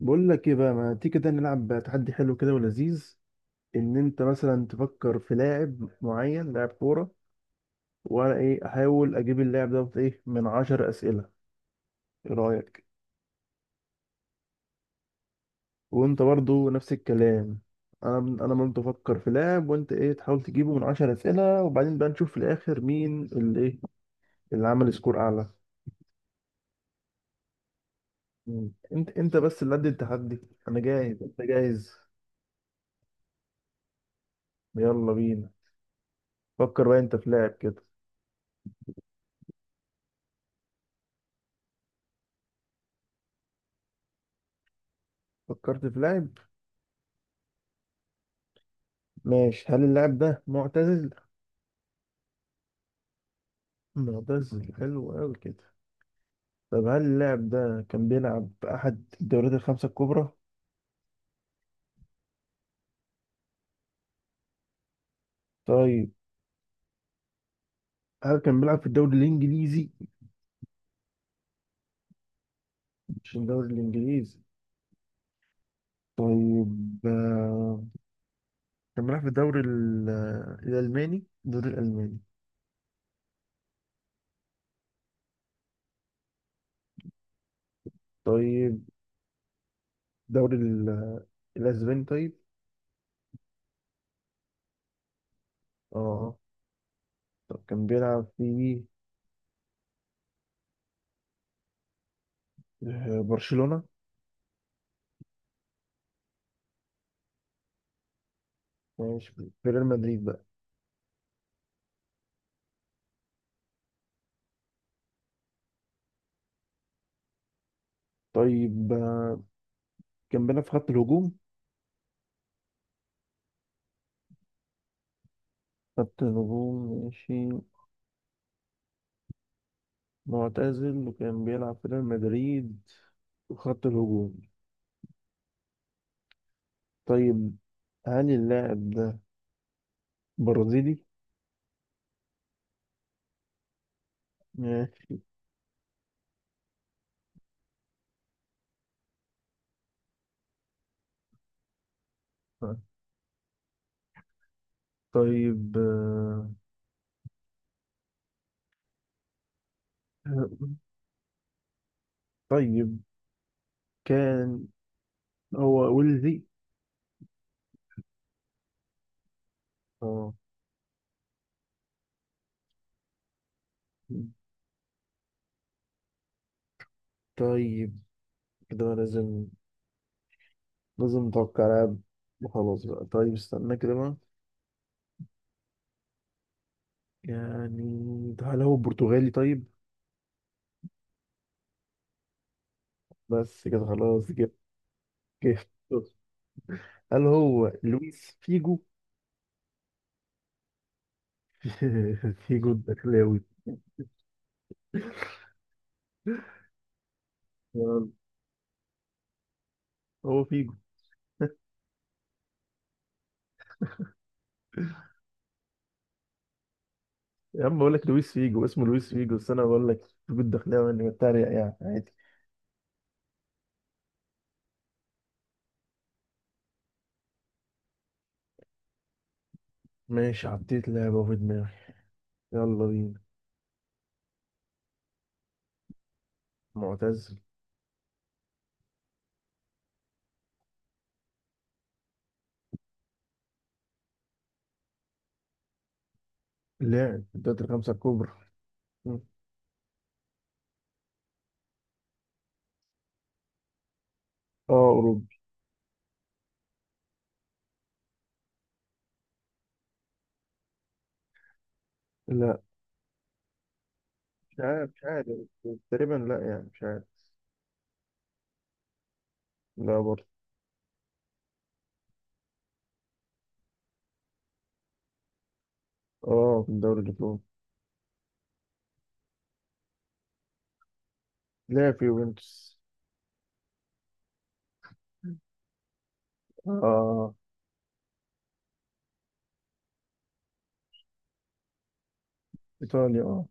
بقول لك ايه بقى، ما تيجي كده نلعب تحدي حلو كده ولذيذ. ان انت مثلا تفكر في لاعب معين، لاعب كوره، وانا ايه احاول اجيب اللاعب دوت ايه من عشر اسئله. ايه رايك؟ وانت برضو نفس الكلام. انا برضو افكر في لاعب، وانت ايه تحاول تجيبه من عشر اسئله، وبعدين بقى نشوف في الاخر مين اللي ايه، اللي عمل سكور اعلى. مم. انت بس اللي قد التحدي. انا جاهز، انت جاهز، يلا بينا. فكر بقى انت في لاعب كده. فكرت في لاعب؟ ماشي. هل اللاعب ده معتزل؟ معتزل، حلو قوي كده. طب هل اللاعب ده كان بيلعب في احد الدوريات الخمسة الكبرى؟ طيب، هل كان بيلعب في الدوري الانجليزي؟ مش الدوري الانجليزي. طيب، كان بيلعب في الدوري ال- آه، الالماني، الدوري الالماني؟ طيب، الدوري ال- آه، الاسباني طيب. اه، طب كان بيلعب في برشلونة؟ ماشي، في ريال مدريد بقى. طيب، كان بيلعب في خط الهجوم؟ خط الهجوم ماشي. معتزل وكان بيلعب في ريال مدريد، خط الهجوم. طيب، هل اللاعب ده برازيلي؟ ماشي. طيب، طيب، كان هو ولدي؟ اه. طيب، كده بقى لازم، لازم نتوقع لاعب وخلاص بقى. طيب، استنى كده بقى، يعني ده هل هو برتغالي طيب؟ بس كده خلاص، جبت جبت. هل هو لويس فيجو؟ فيجو الدخلاوي. آه، هو فيجو. يا عم بقول لك لويس فيجو، اسمه لويس فيجو، بس انا بقول لك فيجو الدخلاوي اني بتريق، يعني عادي. ماشي، حطيت لعبه في دماغي. يلا بينا. معتزل، لاعب في الدوري الخمسه الكبرى. م. اه، اوروبي. لا، مش عارف، مش عارف، تقريبا لا، يعني مش عارف. لا برضه. اه، في الدوري الايطالي. لاعب في يوفنتوس. اه، ايطاليا اه.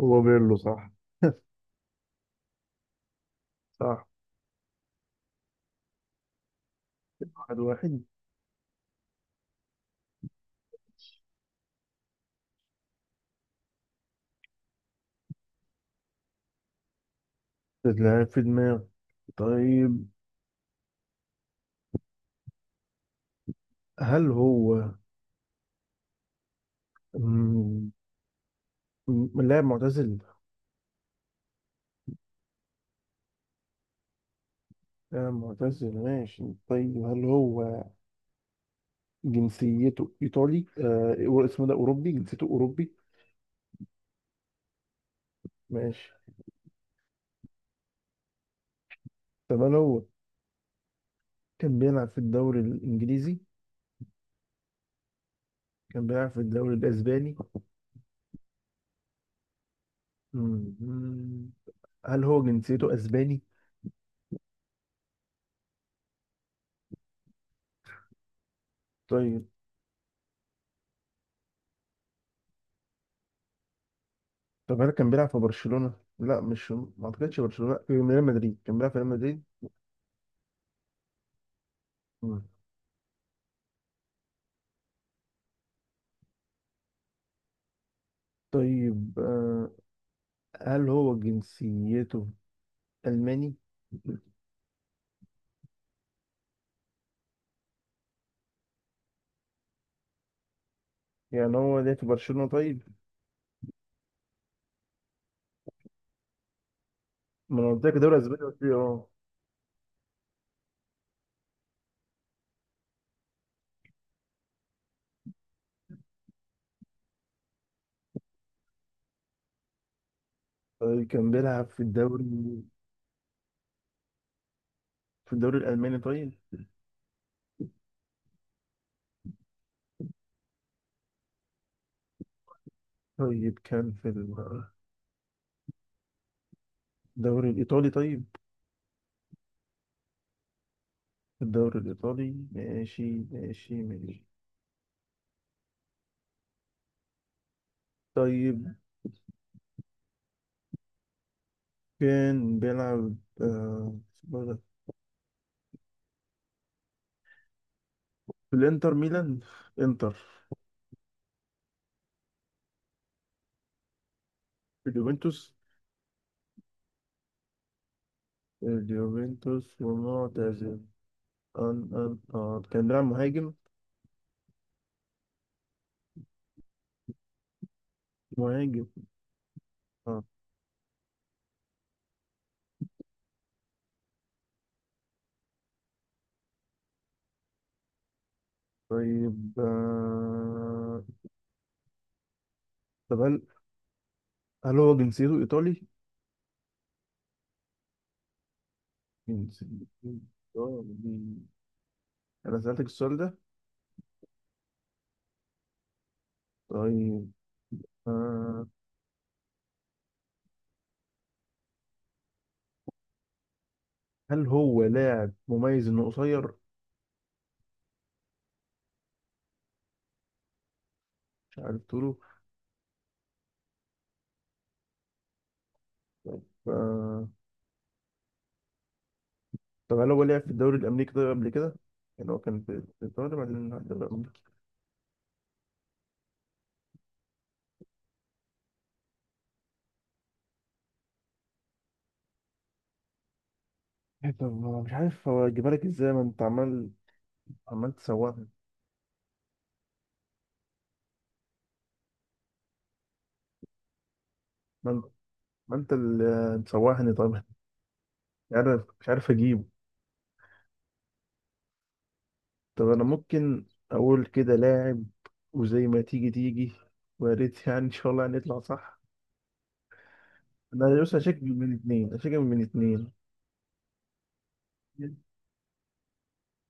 هو بيرلو، صح؟ صح. واحد واحد. لاعب في دماغي. طيب، هل هو، مم، لاعب معتزل؟ لاعب معتزل ماشي. طيب، هل هو جنسيته إيطالي؟ اسمه ده أوروبي، جنسيته أوروبي. ماشي. طب هل هو كان بيلعب في الدوري الإنجليزي؟ كان بيلعب في الدوري الأسباني؟ مم. هل هو جنسيته أسباني؟ طيب. طب هل كان بيلعب في برشلونة؟ لا، مش، ما أعتقدش برشلونة، في ريال مدريد، كان بيلعب في ريال مدريد؟ مم. طيب، هل هو جنسيته ألماني؟ يعني هو ليه في برشلونة طيب؟ ما انا قلت لك الدوري الاسباني، قلت لي اه. طيب، كان بيلعب في الدوري، في الدوري الالماني طيب؟ طيب كان في الدوري الايطالي طيب؟ في الدوري الايطالي، ماشي ماشي ماشي. طيب، كان بيلعب، آه، اسمه إيه ده؟ في الانتر ميلان، انتر؟ في اليوفنتوس. اليوفنتوس، ومعتزل. أن أن آه. كان بيلعب مهاجم؟ مهاجم، اه. طيب، طب هل هو جنسيته ايطالي؟ مين سيدي؟ مين؟ أنا سألتك السؤال ده. طيب، آه. هل هو لاعب مميز إنه قصير؟ مش عارف تقوله. آه. طب هل هو لعب في الدوري الأمريكي ده قبل كده؟ يعني هو كان في الدوري، بعدين راح الدوري الأمريكي؟ إيه؟ طب ما أنا مش عارف هو أجيبها لك إزاي، ما أنت عمال عمال تسوحني. ما أنت ما أنت اللي مسوحني طبعا. مش عارف أجيبه. طب أنا ممكن أقول كده لاعب، وزي ما تيجي تيجي، ويا ريت يعني إن شاء الله هنطلع صح. لا بص، هشيك من الاثنين،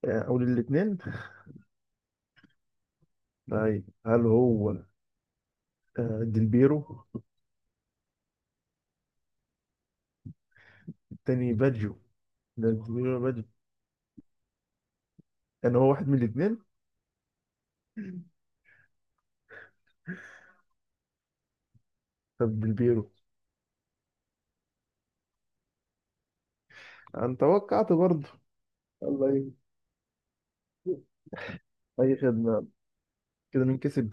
او للاثنين. طيب، هل هو ديلبيرو؟ التاني باجيو، ده ديلبيرو باجيو، يعني هو واحد من الاثنين. طب ديلبيرو. انا توقعت برضه، الله اي. أي خدمه. كده مين كسب؟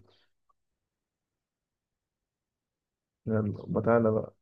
يلا ما تعالى بقى.